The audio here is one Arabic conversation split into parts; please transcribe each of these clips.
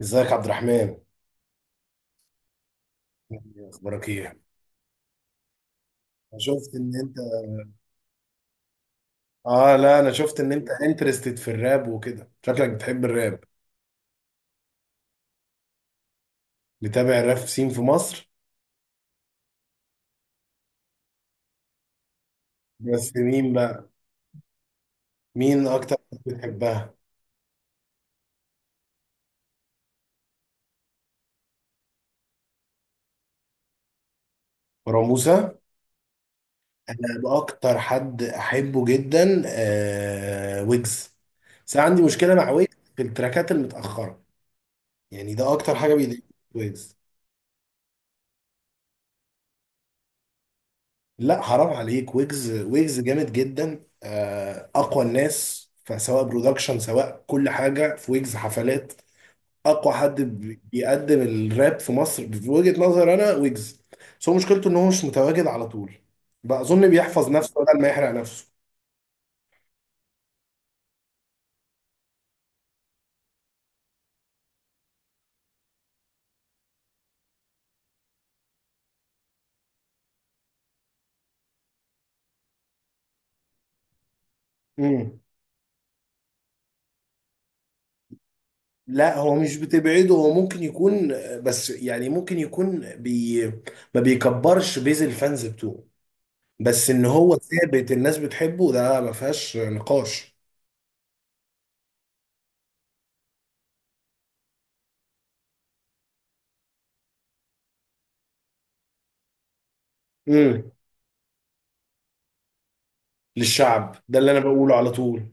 ازيك عبد الرحمن؟ إيه اخبارك؟ ايه، انا شفت ان انت... اه، لا انا شفت ان انت انترستد في الراب وكده، شكلك بتحب الراب. بتابع الراب سين في مصر؟ بس مين بقى؟ مين اكتر حد بتحبها؟ مروان موسى. انا باكتر حد احبه جدا ويجز. بس أنا عندي مشكله مع ويجز في التراكات المتاخره. يعني ده اكتر حاجه بيضايقني في ويجز. لا، حرام عليك، ويجز ويجز جامد جدا، اقوى الناس. فسواء برودكشن، سواء كل حاجه في ويجز، حفلات. اقوى حد بيقدم الراب في مصر في وجهه نظر انا ويجز. بس هو مشكلته ان هو مش متواجد على طول. بقى اظن بيحفظ نفسه بدل ما يحرق نفسه. امم لا، هو مش بتبعده، هو ممكن يكون. بس يعني ممكن يكون ما بيكبرش بيز الفانز بتوعه. بس ان هو ثابت، الناس بتحبه ده ما فيهاش نقاش. للشعب، ده اللي انا بقوله على طول.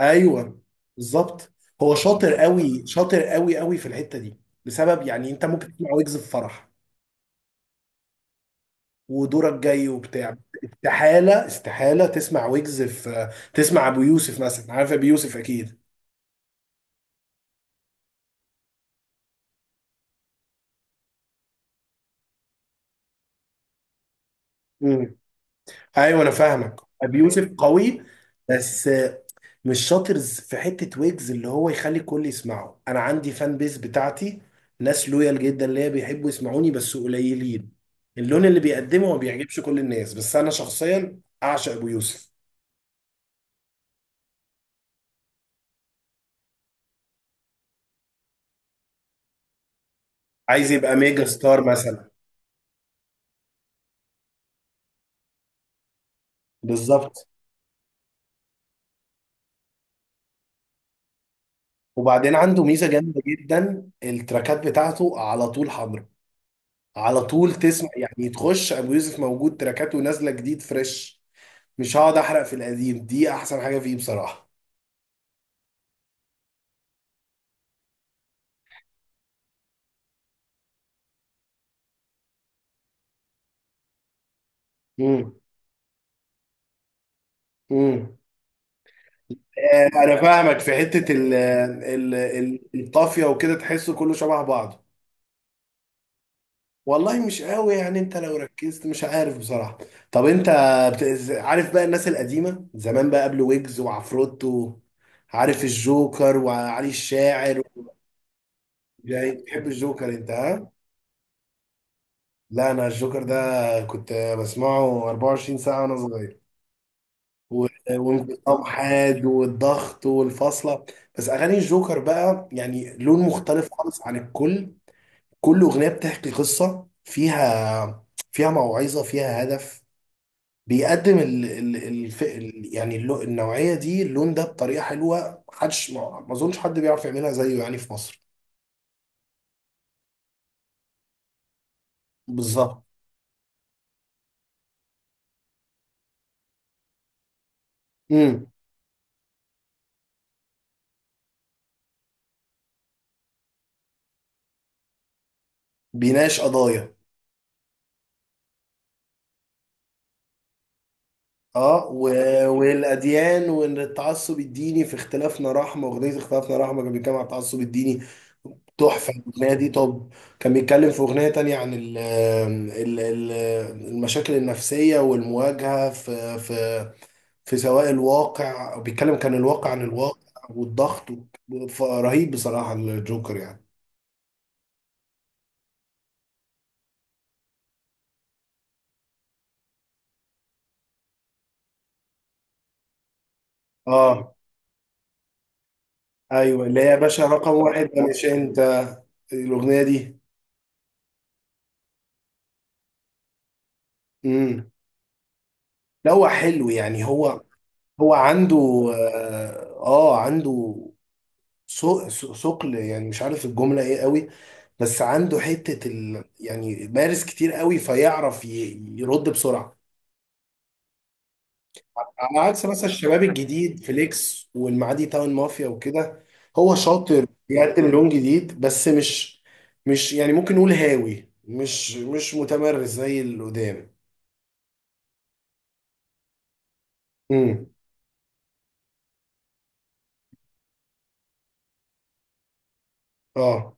ايوه، بالظبط. هو شاطر قوي، شاطر قوي قوي في الحته دي. لسبب يعني انت ممكن تسمع ويجز في فرح ودورك جاي وبتاع. استحاله استحاله تسمع ويجز في تسمع ابو يوسف مثلا. عارف ابو يوسف اكيد. امم ايوه، انا فاهمك. ابو يوسف قوي. بس مش شاطرز في حتة ويجز اللي هو يخلي الكل يسمعه. انا عندي فان بيس بتاعتي، ناس لويال جدا ليا، بيحبوا يسمعوني بس قليلين. اللون اللي بيقدمه ما بيعجبش كل الناس، بس انا شخصيا اعشق ابو يوسف. عايز يبقى ميجا ستار مثلا. بالظبط. وبعدين عنده ميزة جامدة جدا، التراكات بتاعته على طول حاضرة. على طول تسمع، يعني تخش ابو يوسف موجود، تراكاته نازلة جديد فريش. مش هقعد احرق في القديم، دي احسن حاجة فيه بصراحة. امم انا فاهمك في حته ال ال ال الطافيه وكده، تحسه كله شبه بعضه. والله مش قوي، يعني انت لو ركزت مش عارف بصراحه. طب انت عارف بقى الناس القديمه زمان، بقى قبل ويجز وعفروتو، عارف الجوكر وعلي الشاعر؟ يعني بتحب الجوكر انت، ها؟ لا، انا الجوكر ده كنت بسمعه 24 ساعه وانا صغير. وانقسام حاد والضغط والفاصله. بس اغاني الجوكر بقى يعني لون مختلف خالص عن الكل. كل أغنية بتحكي قصة فيها، فيها موعظة، فيها هدف. بيقدم ال ال الف ال يعني النوعية دي، اللون ده، بطريقة حلوة محدش ما ما أظنش حد بيعرف يعملها زيه يعني في مصر. بالظبط. امم. بيناقش قضايا. اه، والاديان، وان التعصب الديني في اختلافنا رحمه. اغنيه اختلافنا رحمه كان بيتكلم عن التعصب الديني. تحفه الاغنيه دي. طب، كان بيتكلم في اغنيه تانية عن ال ال ال المشاكل النفسيه والمواجهه، في سواء الواقع، بيتكلم كان الواقع عن الواقع والضغط. رهيب بصراحه الجوكر يعني. اه، ايوه اللي هي يا باشا رقم واحد، ده مش انت؟ الاغنيه دي. امم. لا، هو حلو، يعني هو، هو عنده... عنده ثقل يعني، مش عارف الجملة ايه قوي، بس عنده حتة ال، يعني مارس كتير قوي فيعرف يرد بسرعة. على عكس مثلا الشباب الجديد فليكس والمعادي تاون مافيا وكده. هو شاطر بيقدم لون جديد، بس مش، مش يعني ممكن نقول هاوي، مش متمرس زي اللي قدام. امم. اه،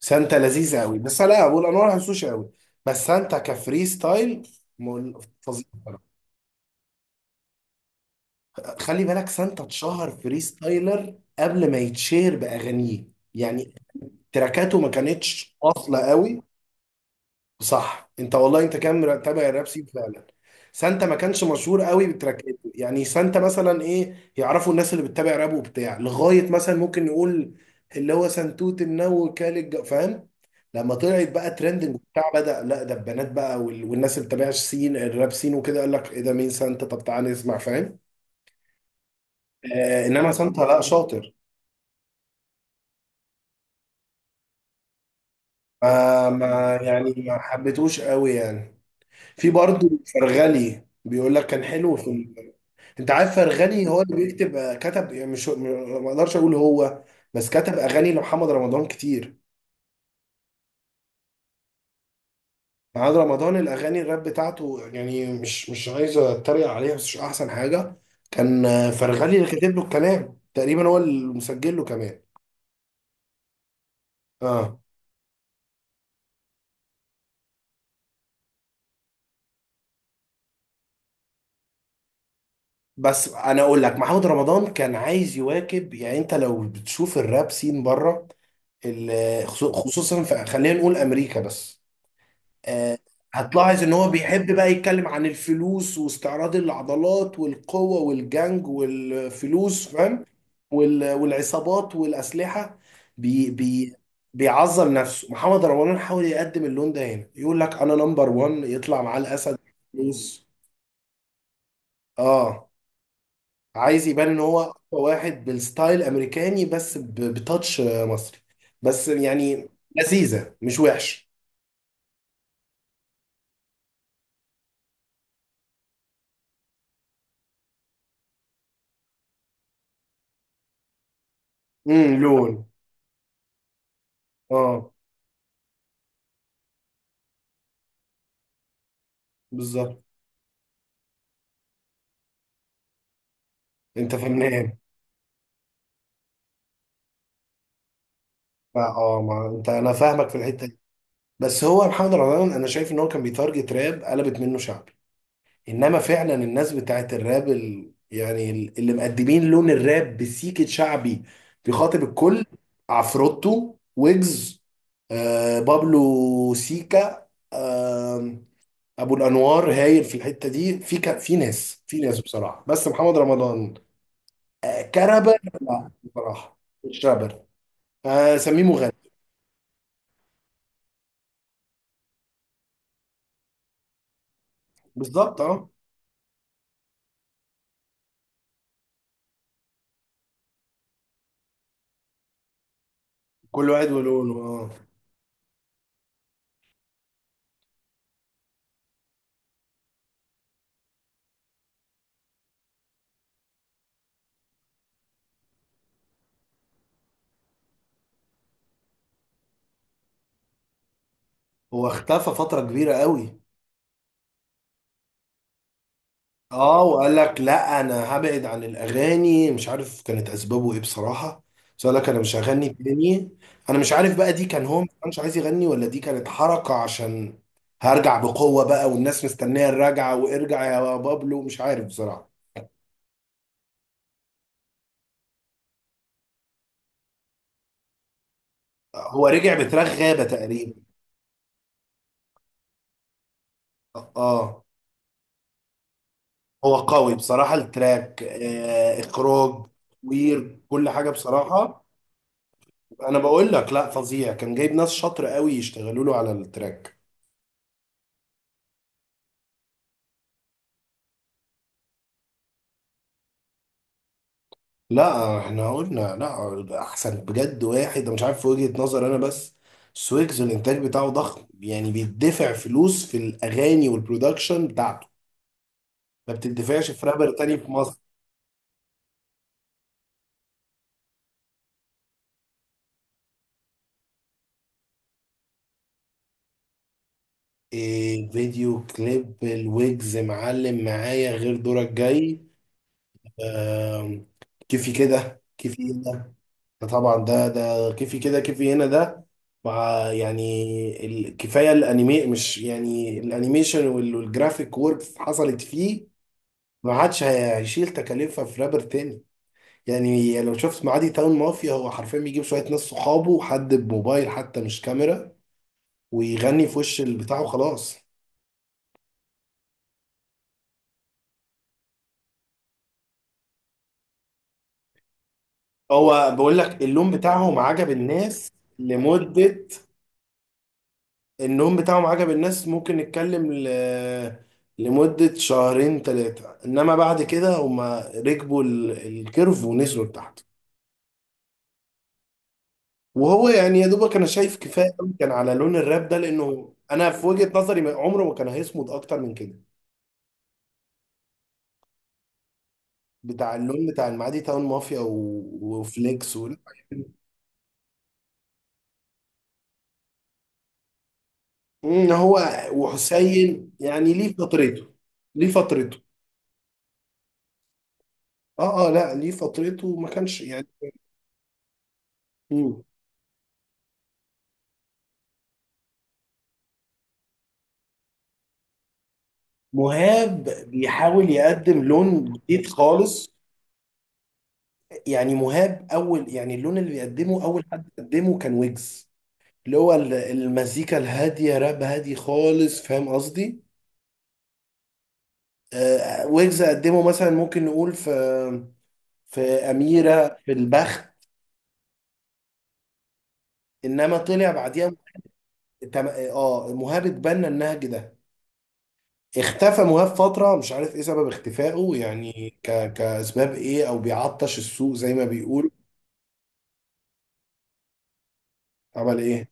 سانتا لذيذة قوي، بس انا لا، والانواع ما بحسوش قوي. بس سانتا كفري ستايل فظيع. خلي بالك سانتا اتشهر فري ستايلر قبل ما يتشهر باغانيه، يعني تراكاته ما كانتش واصله قوي. صح، انت والله انت كان متابع الراب سين فعلا. سانتا ما كانش مشهور قوي بتراكاته، يعني سانتا مثلا ايه يعرفوا الناس اللي بتتابع راب وبتاع لغايه مثلا ممكن نقول اللي هو سنتوت النو كالج فاهم. لما طلعت بقى ترندنج وبتاع، بدأ، لا ده البنات بقى والناس اللي بتتابعش سين الراب سين وكده، قال لك ايه ده؟ مين سانتا؟ طب تعالى نسمع، فاهم. آه، انما سانتا، لا، شاطر. ما ما يعني ما حبيتهوش قوي يعني. في برضه فرغلي بيقول لك كان حلو في. انت عارف فرغني هو اللي بيكتب، كتب يعني، مش ما اقدرش اقول هو، بس كتب اغاني لمحمد رمضان كتير. محمد رمضان الاغاني الراب بتاعته يعني، مش عايز اتريق عليها، بس مش احسن حاجه. كان فرغلي اللي كاتب له الكلام تقريبا، هو اللي مسجل له كمان. اه. بس انا اقول لك، محمد رمضان كان عايز يواكب، يعني انت لو بتشوف الراب سين بره، خصوصا في، خلينا نقول امريكا بس. آه، هتلاحظ ان هو بيحب بقى يتكلم عن الفلوس واستعراض العضلات والقوة والجنج والفلوس، فاهم؟ والعصابات والأسلحة. بي بي بيعظم نفسه. محمد رمضان حاول يقدم اللون ده هنا، يقول لك انا نمبر وان، يطلع معاه الاسد، فلوس. اه. عايز يبان ان هو أقوى واحد بالستايل امريكاني، بس بتاتش، مصري. بس يعني لذيذة، مش وحش. لون. اه، بالظبط. انت فاهمان. ما ما انت، انا فاهمك في الحته دي. بس هو محمد رمضان، انا شايف ان هو كان بيتارجت راب قلبت منه شعبي. انما فعلا الناس بتاعت الراب يعني اللي مقدمين لون الراب بسيكة شعبي بيخاطب الكل. عفروتو، ويجز، آه، بابلو سيكا، آه، ابو الانوار هايل في الحته دي، في في ناس، بصراحه. بس محمد رمضان كرابر، لا بصراحه، مش رابر. سميه مغني. بالظبط، اه، كل واحد ولونه. اه، هو اختفى فترة كبيرة قوي. اه، وقال لك لا، انا هبعد عن الاغاني، مش عارف كانت اسبابه ايه بصراحة، بس قال لك انا مش هغني تاني. انا مش عارف بقى، دي كان هو ما كانش عايز يغني، ولا دي كانت حركة عشان هرجع بقوة بقى والناس مستنية الرجعة وارجع يا بابلو، مش عارف بصراحة. هو رجع بتراك غابة تقريبا. اه. هو قوي بصراحة التراك، اخراج وير كل حاجة بصراحة. انا بقول لك، لا، فظيع، كان جايب ناس شاطره قوي يشتغلوا له على التراك. لا احنا قلنا لا، احسن بجد واحد، أنا مش عارف، في وجهة نظر انا، بس سويكس الانتاج بتاعه ضخم، يعني بيدفع فلوس في الاغاني والبرودكشن بتاعته ما بتدفعش في رابر تاني في مصر. إيه فيديو كليب الويجز معلم معايا غير دورك جاي؟ آم، كيفي كده كيفي. طبعا ده كيفي كده كيفي هنا ده، مع يعني الكفايه الانيمي، مش يعني الانيميشن والجرافيك ورك حصلت فيه. ما عادش هيشيل تكاليفها في رابر تاني. يعني لو شفت معادي تاون مافيا، هو حرفيا بيجيب شويه ناس صحابه، حد بموبايل حتى مش كاميرا، ويغني في وش البتاع وخلاص. هو بقول لك اللون بتاعهم عجب الناس لمده، النوم بتاعهم عجب الناس ممكن نتكلم لمدة شهرين ثلاثة، إنما بعد كده هما ركبوا الكيرف ونزلوا لتحت. وهو يعني يا دوبك أنا شايف كفاية أوي كان على لون الراب ده، لأنه أنا في وجهة نظري عمره ما كان هيصمد أكتر من كده. بتاع اللون بتاع المعادي تاون مافيا وفليكس هو وحسين يعني ليه فترته، ليه فترته. اه، اه، لا ليه فترته ما كانش. يعني مهاب بيحاول يقدم لون جديد خالص. يعني مهاب اول يعني، اللون اللي بيقدمه اول حد قدمه كان ويجز، اللي هو المزيكا الهاديه، راب هادي خالص، فاهم قصدي. ويجز قدمه مثلا ممكن نقول في، في اميره في البخت. انما طلع بعديها مهاب اتبنى النهج ده. اختفى مهاب فتره، مش عارف ايه سبب اختفائه، يعني كاسباب ايه او بيعطش السوق زي ما بيقول. عمل ايه؟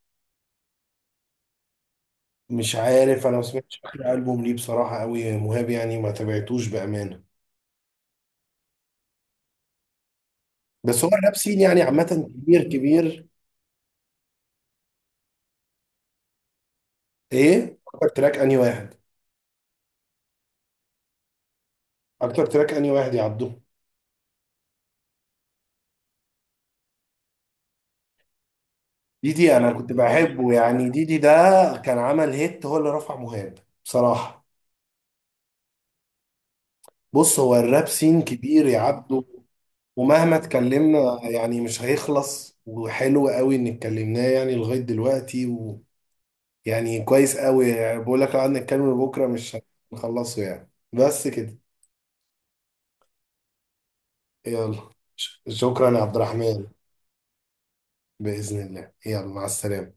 مش عارف، انا ما سمعتش اخر البوم ليه بصراحه قوي مهاب يعني، ما تابعتوش بامانه. بس هو الراب سين يعني عامه كبير، كبير. ايه اكتر تراك انهي واحد؟ اكتر تراك انهي واحد يا عبدو؟ ديدي، انا كنت بحبه يعني، ديدي ده كان عمل هيت، هو اللي رفع مهاب بصراحه. بص، هو الراب سين كبير يا عبدو، ومهما اتكلمنا يعني مش هيخلص، وحلو قوي ان اتكلمناه يعني لغايه دلوقتي، ويعني كويس قوي، يعني بقول لك لو قعدنا نتكلم بكره مش هنخلصه يعني، بس كده. يلا، شكرا يا عبد الرحمن. بإذن الله، يلا مع السلامة.